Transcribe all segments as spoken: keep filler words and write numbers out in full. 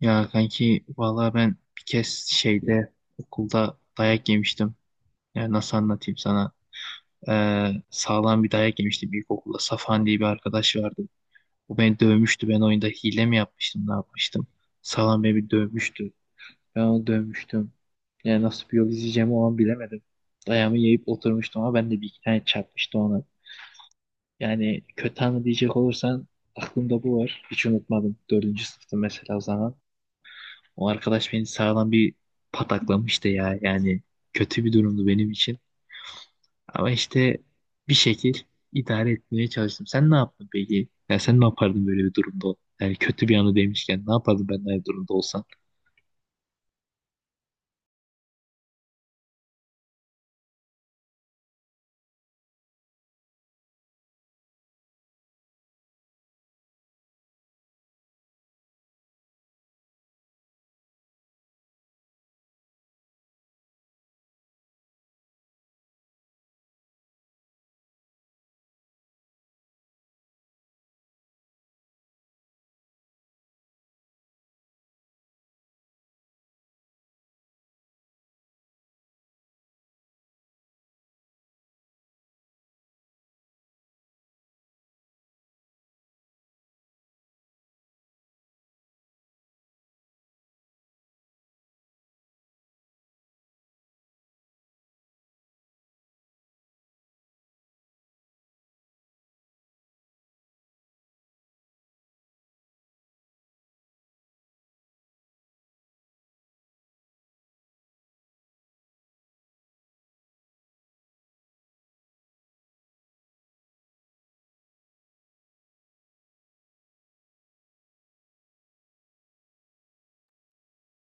Ya kanki vallahi ben bir kez şeyde okulda dayak yemiştim. Ya nasıl anlatayım sana? Ee, sağlam bir dayak yemiştim ilkokulda. Safan diye bir arkadaş vardı. O beni dövmüştü. Ben oyunda hile mi yapmıştım, ne yapmıştım? Sağlam beni bir dövmüştü. Ben onu dövmüştüm. Yani nasıl bir yol izleyeceğimi o an bilemedim. Dayağımı yiyip oturmuştum ama ben de bir iki tane çarpmıştı ona. Yani kötü anı diyecek olursan aklımda bu var. Hiç unutmadım. Dördüncü sınıftı mesela o zaman. O arkadaş beni sağlam bir pataklamıştı ya. Yani kötü bir durumdu benim için. Ama işte bir şekil idare etmeye çalıştım. Sen ne yaptın peki? Ya sen ne yapardın böyle bir durumda? Yani kötü bir anı demişken ne yapardın ben de aynı durumda olsam?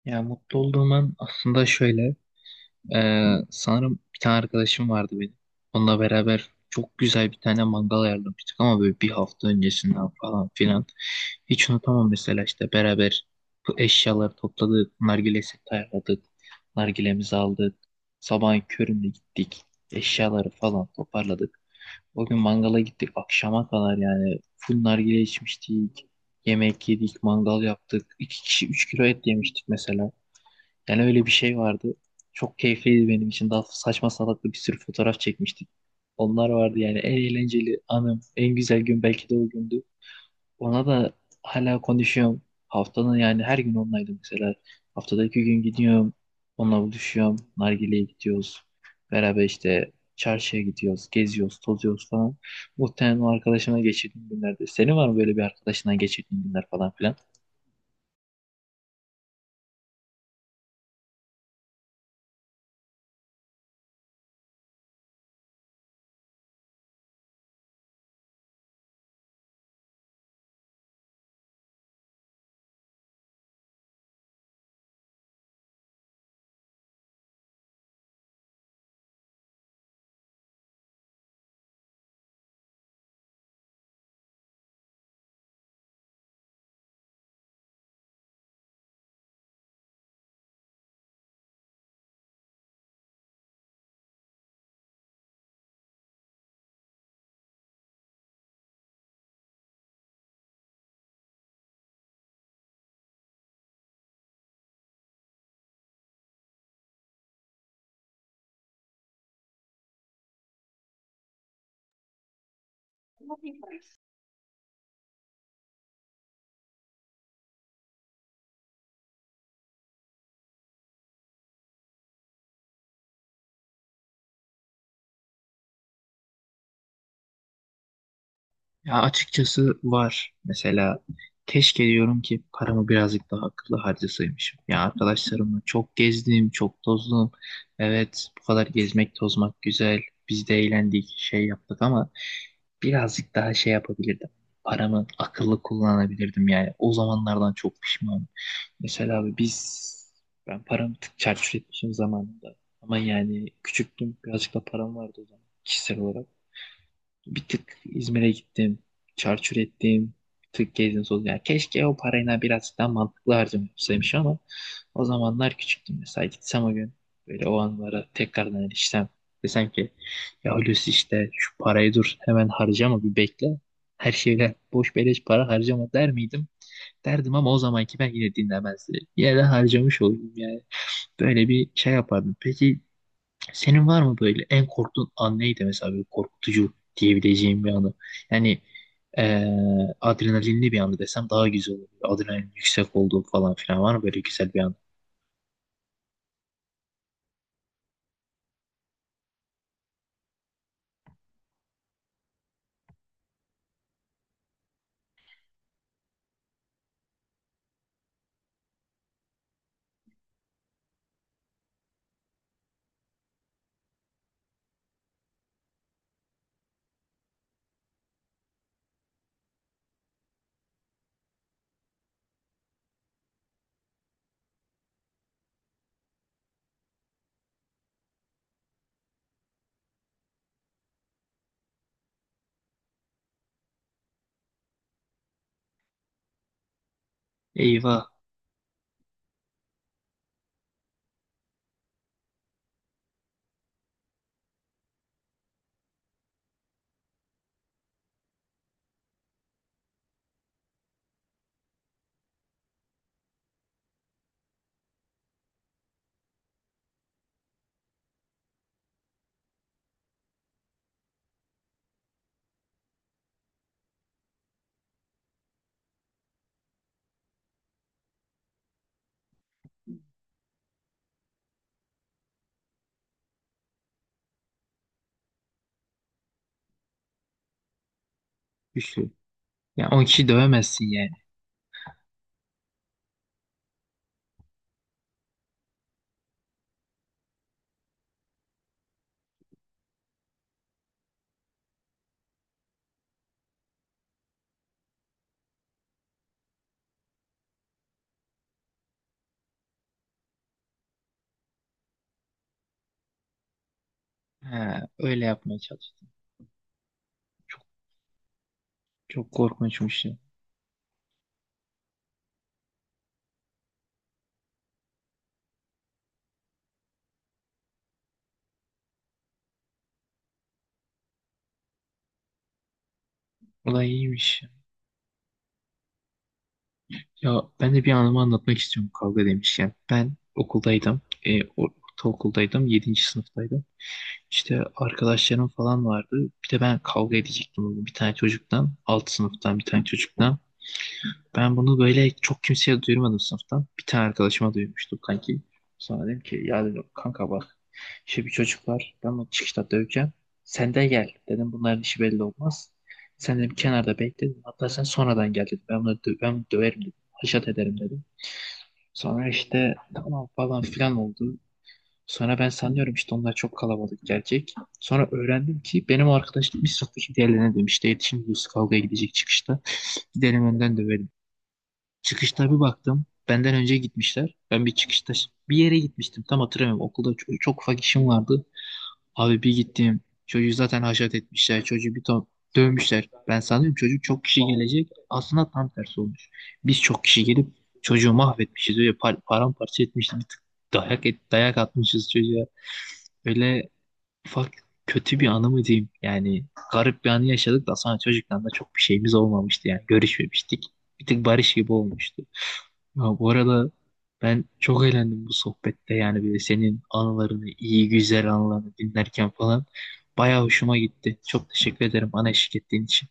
Ya mutlu olduğum an aslında şöyle. Ee, sanırım bir tane arkadaşım vardı benim. Onunla beraber çok güzel bir tane mangal ayarlamıştık ama böyle bir hafta öncesinden falan filan. Hiç unutamam mesela işte beraber bu eşyaları topladık, nargile seti ayarladık, nargilemizi aldık. Sabahın köründe gittik, eşyaları falan toparladık. O gün mangala gittik akşama kadar yani full nargile içmiştik, yemek yedik, mangal yaptık. İki kişi üç kilo et yemiştik mesela. Yani öyle bir şey vardı. Çok keyifliydi benim için. Daha saçma salaklı bir sürü fotoğraf çekmiştik. Onlar vardı yani en eğlenceli anım, en güzel gün belki de o gündü. Ona da hala konuşuyorum. Haftanın yani her gün onlaydım mesela. Haftada iki gün gidiyorum. Onunla buluşuyorum. Nargile'ye gidiyoruz. Beraber işte çarşıya gidiyoruz. Geziyoruz, tozuyoruz falan. Muhtemelen o arkadaşımla geçirdiğim günlerde. Senin var mı böyle bir arkadaşından geçirdiğin günler falan filan? Ya açıkçası var. Mesela keşke diyorum ki paramı birazcık daha akıllı harcasaymışım. Ya arkadaşlarımla çok gezdim, çok tozdum. Evet, bu kadar gezmek, tozmak güzel. Biz de eğlendik, şey yaptık ama birazcık daha şey yapabilirdim. Paramı akıllı kullanabilirdim yani. O zamanlardan çok pişmanım. Mesela abi biz ben paramı tık çarçur etmişim zamanında. Ama yani küçüktüm, birazcık da param vardı o zaman kişisel olarak. Bir tık İzmir'e gittim. Çarçur ettim. Bir tık gezdim tozdum. Yani keşke o parayla biraz daha mantıklı harcamışsaymış ama o zamanlar küçüktüm. Mesela gitsem o gün böyle o anlara tekrardan erişsem desem ki ya Hulusi işte şu parayı dur hemen harcama bir bekle. Her şeyler boş beleş para harcama der miydim? Derdim ama o zamanki ben yine dinlemezdi. Yine de harcamış oldum yani. Böyle bir şey yapardım. Peki senin var mı böyle en korktuğun an neydi mesela böyle korkutucu diyebileceğim bir anı? Yani eee, adrenalinli bir anı desem daha güzel olur. Adrenalin yüksek olduğu falan filan var mı böyle güzel bir anı? Eyvah güçlü. Yani on kişi dövemezsin yani. Ha, öyle yapmaya çalıştım. Çok çok korkunçmuş ya. Olay iyiymiş. Ya ben de bir anımı anlatmak istiyorum kavga demişken. Ben okuldaydım. E, ortaokuldaydım. Yedinci sınıftaydım. İşte arkadaşlarım falan vardı. Bir de ben kavga edecektim bugün bir tane çocuktan. Alt sınıftan bir tane çocuktan. Ben bunu böyle çok kimseye duyurmadım sınıftan. Bir tane arkadaşıma duymuştum kanki. Sonra dedim ki ya dedim, kanka bak işte bir çocuk var. Ben onu çıkışta döveceğim. Sen de gel. Dedim bunların işi belli olmaz. Sen dedim kenarda bekle. Dedim. Hatta sen sonradan gel dedim. Ben bunu dö ben bunu döverim dedim. Haşat ederim dedim. Sonra işte tamam falan filan oldu. Sonra ben sanıyorum işte onlar çok kalabalık gelecek. Sonra öğrendim ki benim arkadaş gitmiş sınıftaki diğerlerine demiş. "Dayı, şimdi Yusuf kavgaya gidecek çıkışta. Gidelim önden dövelim. Çıkışta bir baktım. Benden önce gitmişler. Ben bir çıkışta bir yere gitmiştim. Tam hatırlamıyorum. Okulda çok, çok ufak işim vardı. Abi bir gittim. Çocuğu zaten haşat etmişler. Çocuğu bir ton dövmüşler. Ben sanıyorum çocuk çok kişi gelecek. Aslında tam tersi olmuş. Biz çok kişi gelip çocuğu mahvetmişiz. Öyle par paramparça etmişiz. Bir tık dayak, et, dayak atmışız çocuğa. Öyle ufak kötü bir anı mı diyeyim? Yani garip bir anı yaşadık da sonra çocuktan da çok bir şeyimiz olmamıştı yani görüşmemiştik. Bir tık barış gibi olmuştu. Ya bu arada ben çok eğlendim bu sohbette yani böyle senin anılarını, iyi güzel anılarını dinlerken falan. Bayağı hoşuma gitti. Çok teşekkür ederim bana eşlik ettiğin için.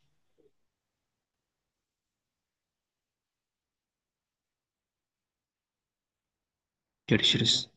Görüşürüz.